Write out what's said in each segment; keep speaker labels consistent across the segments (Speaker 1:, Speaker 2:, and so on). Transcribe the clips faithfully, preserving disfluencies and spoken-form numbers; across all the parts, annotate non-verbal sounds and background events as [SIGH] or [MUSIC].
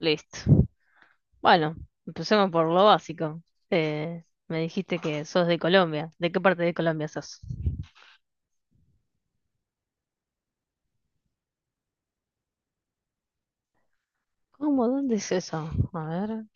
Speaker 1: Listo. Bueno, empecemos por lo básico. Eh, me dijiste que sos de Colombia. ¿De qué parte de Colombia sos? ¿Cómo? ¿Dónde es eso? A ver.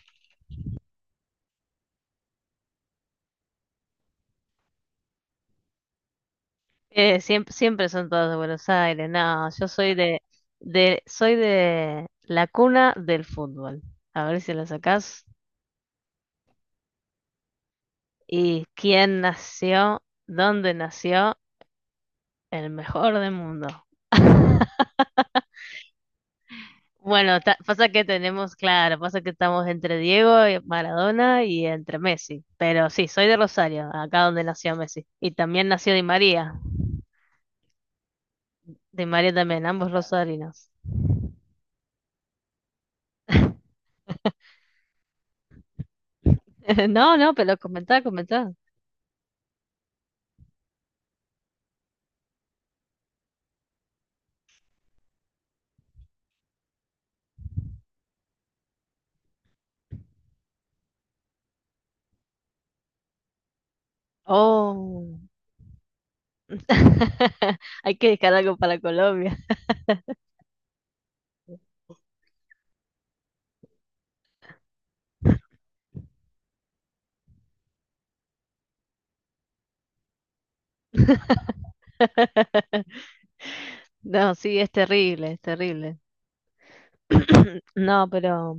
Speaker 1: Eh, siempre, siempre son todos de Buenos Aires. No, yo soy de, de, soy de la cuna del fútbol. A ver si la sacás. ¿Y quién nació? ¿Dónde nació? El mejor del mundo. Bueno, ta- pasa que tenemos, claro, pasa que estamos entre Diego y Maradona y entre Messi. Pero sí, soy de Rosario, acá donde nació Messi. Y también nació Di María. Di María también, ambos rosarinos. [LAUGHS] No, no, pero comentá, comentá. Oh, [LAUGHS] hay que dejar algo para Colombia. [LAUGHS] No, sí, es terrible, es terrible. [CLEARS THROAT] No, pero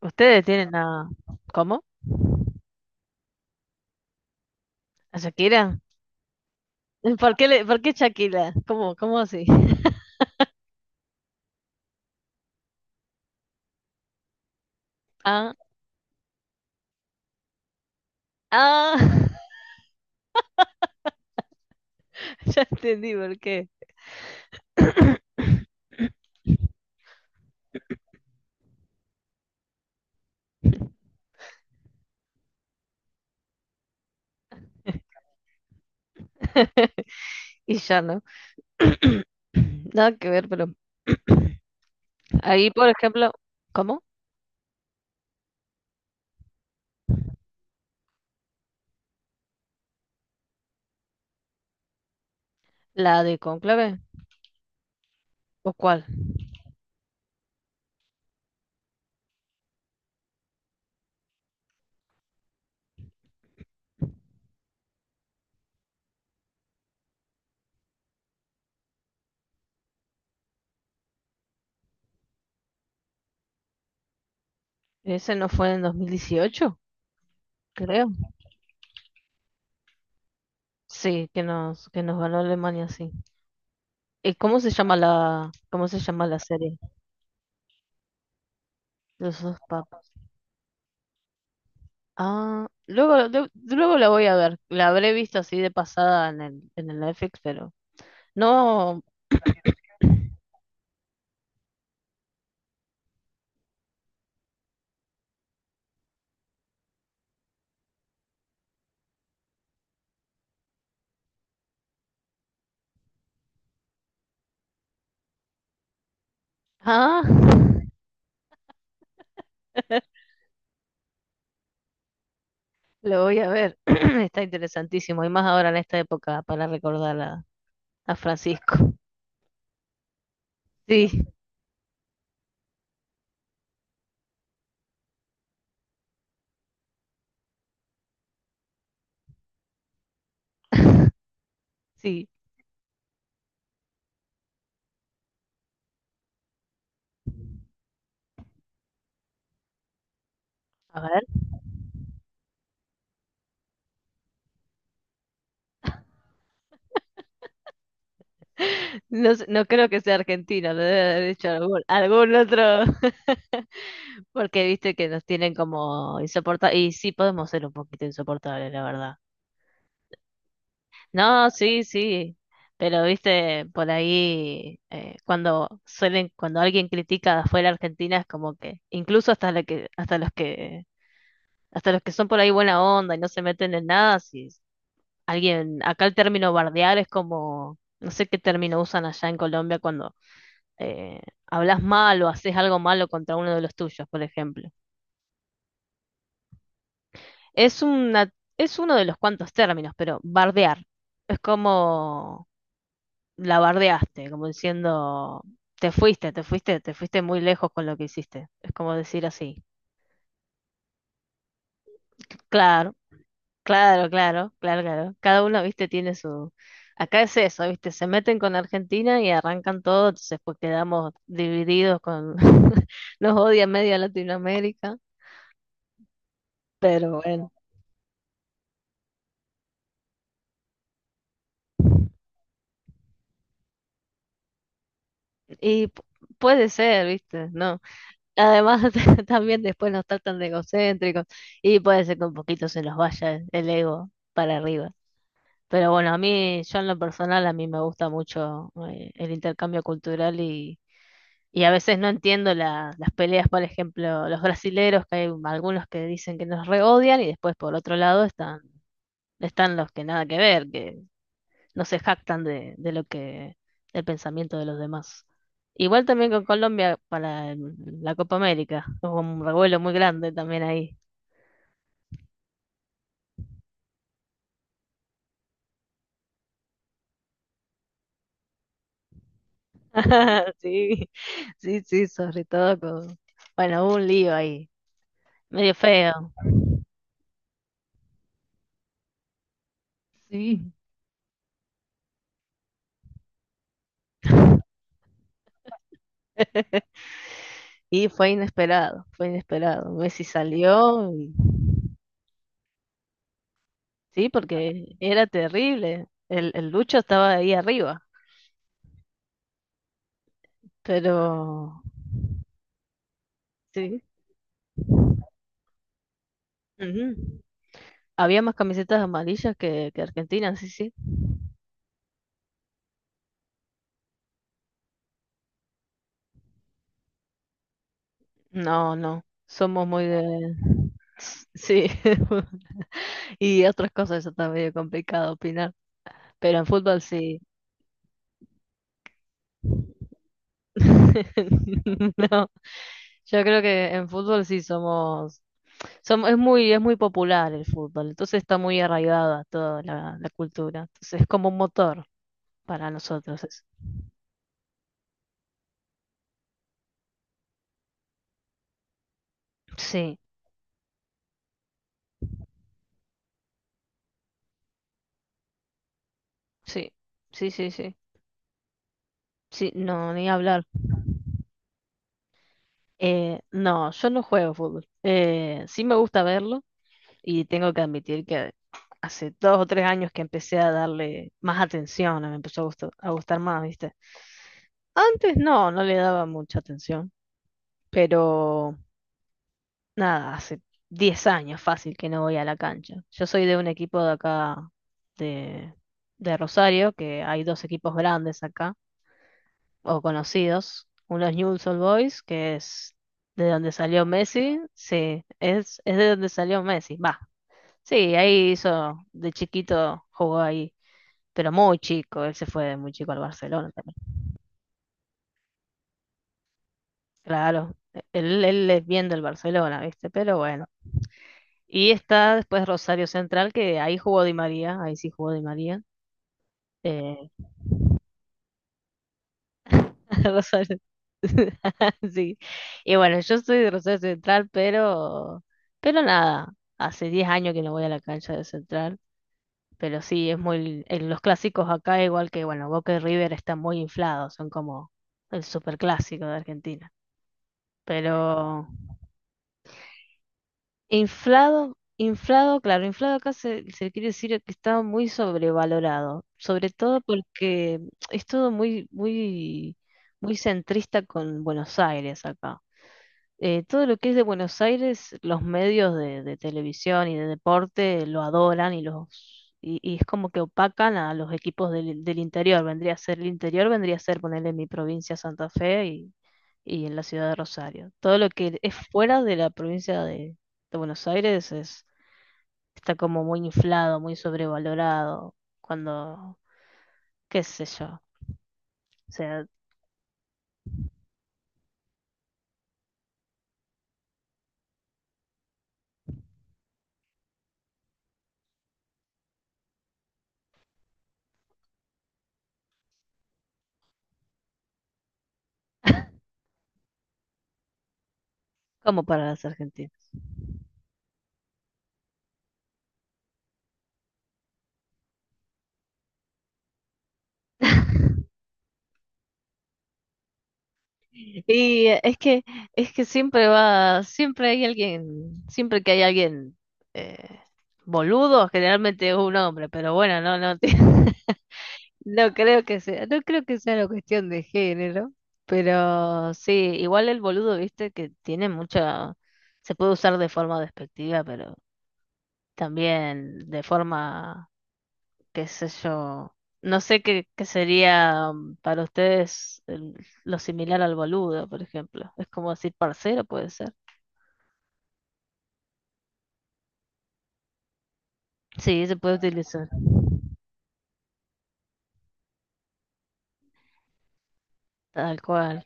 Speaker 1: ustedes tienen a... ¿Cómo? ¿A Shakira? ¿Por qué, le... ¿Por qué Shakira? ¿Cómo, cómo así? Ah, ah, [LAUGHS] ya entendí por qué. [COUGHS] Y ya no. [COUGHS] Nada que ver, pero. [COUGHS] Ahí, por ejemplo, ¿cómo? ¿La de Cónclave? ¿O cuál? Ese no fue en dos mil dieciocho, creo. Sí, que nos, que nos ganó Alemania, sí. ¿Y cómo se llama la, cómo se llama la serie? Los dos papas. Ah, luego, de- luego la voy a ver. La habré visto así de pasada en el, en el Netflix, pero. No. Ah. Lo voy a ver. [CLEARS THROAT] Está interesantísimo. Y más ahora en esta época para recordar a, a Francisco. Sí, [LAUGHS] sí. A ver. No, s- no creo que sea argentino, lo debe haber hecho algún, algún otro. [LAUGHS] Porque viste que nos tienen como insoportables. Y sí, podemos ser un poquito insoportables, la verdad. No, sí, sí. Pero viste, por ahí, eh, cuando suelen, cuando alguien critica afuera Argentina, es como que, incluso hasta lo que, hasta los que Hasta los que son por ahí buena onda y no se meten en nada, si alguien, acá el término bardear es como, no sé qué término usan allá en Colombia cuando eh, hablas mal o haces algo malo contra uno de los tuyos, por ejemplo. Es una, es uno de los cuantos términos, pero bardear es como la bardeaste, como diciendo, te fuiste, te fuiste, te fuiste muy lejos con lo que hiciste. Es como decir así. Claro. Claro, claro, claro, claro. Cada uno, viste, tiene su... Acá es eso, viste, se meten con Argentina y arrancan todo, entonces pues quedamos divididos con... [LAUGHS] Nos odia media Latinoamérica, pero bueno, y pu- puede ser, viste, ¿no? Además, [LAUGHS] también después nos tratan de egocéntricos y puede ser que un poquito se nos vaya el ego para arriba. Pero bueno, a mí, yo en lo personal, a mí me gusta mucho eh, el intercambio cultural. Y a veces no entiendo la- las peleas, por ejemplo, los brasileros, que hay algunos que dicen que nos reodian y después por otro lado están, están, los que nada que ver, que no se jactan de, de lo que, del pensamiento de los demás. Igual también con Colombia para el- la Copa América, hubo un revuelo muy grande también ahí. [LAUGHS] Sí, sí, sí, sobre todo con, bueno, hubo un lío ahí, medio feo. Sí. [LAUGHS] Y fue inesperado, fue inesperado. Messi salió. Sí, porque era terrible. El, el Lucho estaba ahí arriba, pero sí. Ujú. Había más camisetas amarillas que, que Argentina, sí, sí. No, no, somos muy de... S- Sí, [LAUGHS] y otras cosas, eso está medio complicado opinar, pero en fútbol sí. [LAUGHS] No, yo creo que en fútbol sí somos, somos, es muy, es muy popular el fútbol, entonces está muy arraigada toda la, la cultura, entonces es como un motor para nosotros. Sí, sí, sí, sí, sí. Sí, no, ni hablar. Eh, no, yo no juego fútbol. Eh, sí me gusta verlo y tengo que admitir que hace dos o tres años que empecé a darle más atención, me empezó a gustar, a gustar más, ¿viste? Antes no, no le daba mucha atención, pero nada, hace diez años fácil que no voy a la cancha. Yo soy de un equipo de acá, de, de Rosario, que hay dos equipos grandes acá, o conocidos. Uno es Newell's Old Boys, que es de donde salió Messi, sí, es, es de donde salió Messi, va. Sí, ahí hizo, de chiquito jugó ahí, pero muy chico, él se fue de muy chico al Barcelona también. Claro, él, él es bien del Barcelona, ¿viste? Pero bueno. Y está después Rosario Central, que ahí jugó Di María, ahí sí jugó Di María. eh, [LAUGHS] Rosario. [LAUGHS] Sí. Y bueno, yo soy de Rosario Central, pero, pero nada, hace diez años que no voy a la cancha de Central, pero sí, es muy, en los clásicos acá, igual que, bueno, Boca y River están muy inflados, son como el superclásico de Argentina. Pero inflado, inflado, claro, inflado acá se, se quiere decir que está muy sobrevalorado, sobre todo porque es todo muy, muy, muy centrista con Buenos Aires acá. Eh, todo lo que es de Buenos Aires, los medios de, de televisión y de deporte lo adoran y los y, y es como que opacan a los equipos del, del interior. Vendría a ser el interior, vendría a ser ponerle mi provincia Santa Fe y, y en la ciudad de Rosario. Todo lo que es fuera de la provincia de, de Buenos Aires es, está como muy inflado, muy sobrevalorado, cuando, qué sé yo, o sea, como para las argentinas. [LAUGHS] Y eh, es que, es que siempre va, siempre hay alguien, siempre que hay alguien eh, boludo, generalmente es un hombre, pero bueno, no, no, [LAUGHS] no creo que sea, no creo que sea una cuestión de género, pero sí, igual el boludo, viste, que tiene mucha, se puede usar de forma despectiva, pero también de forma qué sé yo. No sé qué, qué sería mm, para ustedes el- lo similar al boludo, por ejemplo. Es como decir parcero, puede ser. Sí, se puede utilizar, tal cual.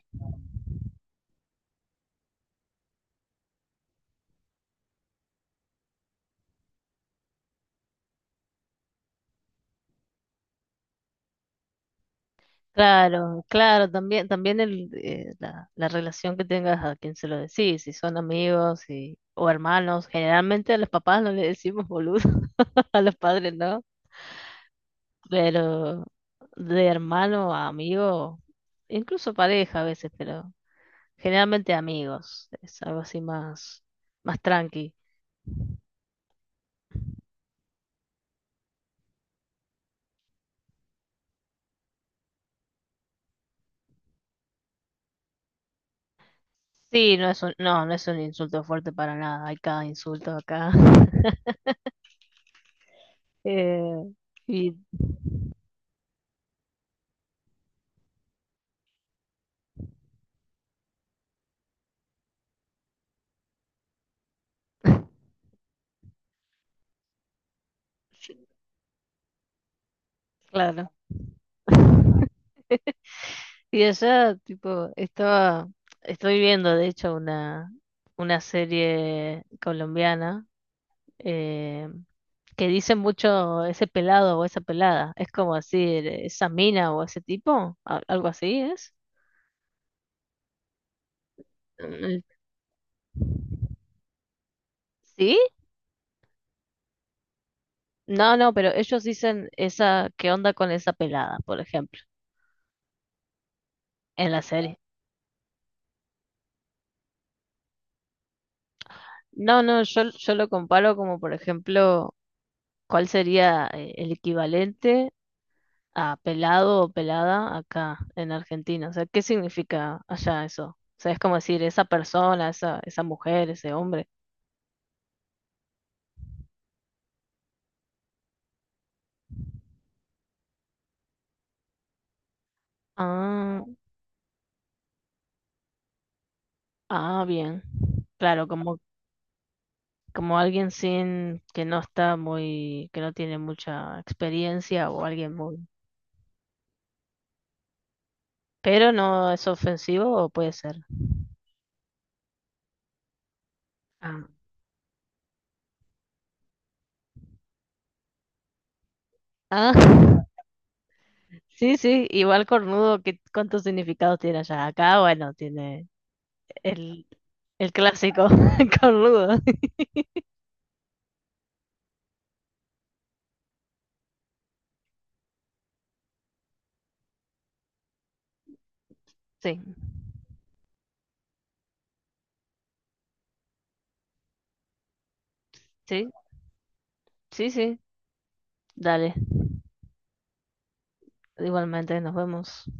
Speaker 1: Claro, claro, también, también el, eh, la, la relación que tengas a quien se lo decís, si son amigos y, o hermanos. Generalmente a los papás no le decimos boludo, [LAUGHS] a los padres no, pero de hermano a amigo, incluso pareja a veces, pero. Generalmente amigos, es algo así más, más tranqui. Sí, no es un, no, no es un insulto fuerte para nada, hay cada insulto acá. [LAUGHS] Eh, y sí, claro. [LAUGHS] Y allá, tipo, estaba, estoy viendo de hecho una, una serie colombiana eh, que dice mucho ese pelado o esa pelada. Es como decir, esa mina o ese tipo, al- algo así es. Mm, ¿sí? No, no, pero ellos dicen esa, ¿qué onda con esa pelada, por ejemplo, en la serie? No, no, yo, yo lo comparo como, por ejemplo, ¿cuál sería eh, el equivalente a pelado o pelada acá en Argentina? O sea, ¿qué significa allá eso? O sea, es como decir esa persona, esa, esa mujer, ese hombre. Ah, ah, bien. Claro, como, como alguien sin, que no está muy, que no tiene mucha experiencia o alguien muy. Pero no es ofensivo o puede ser. Ah, ah, [LAUGHS] sí, sí, igual cornudo, ¿qué, cuántos significados tiene allá? Acá, bueno, tiene el, el clásico [LAUGHS] cornudo. Sí, sí, sí, sí, dale. Igualmente, nos vemos.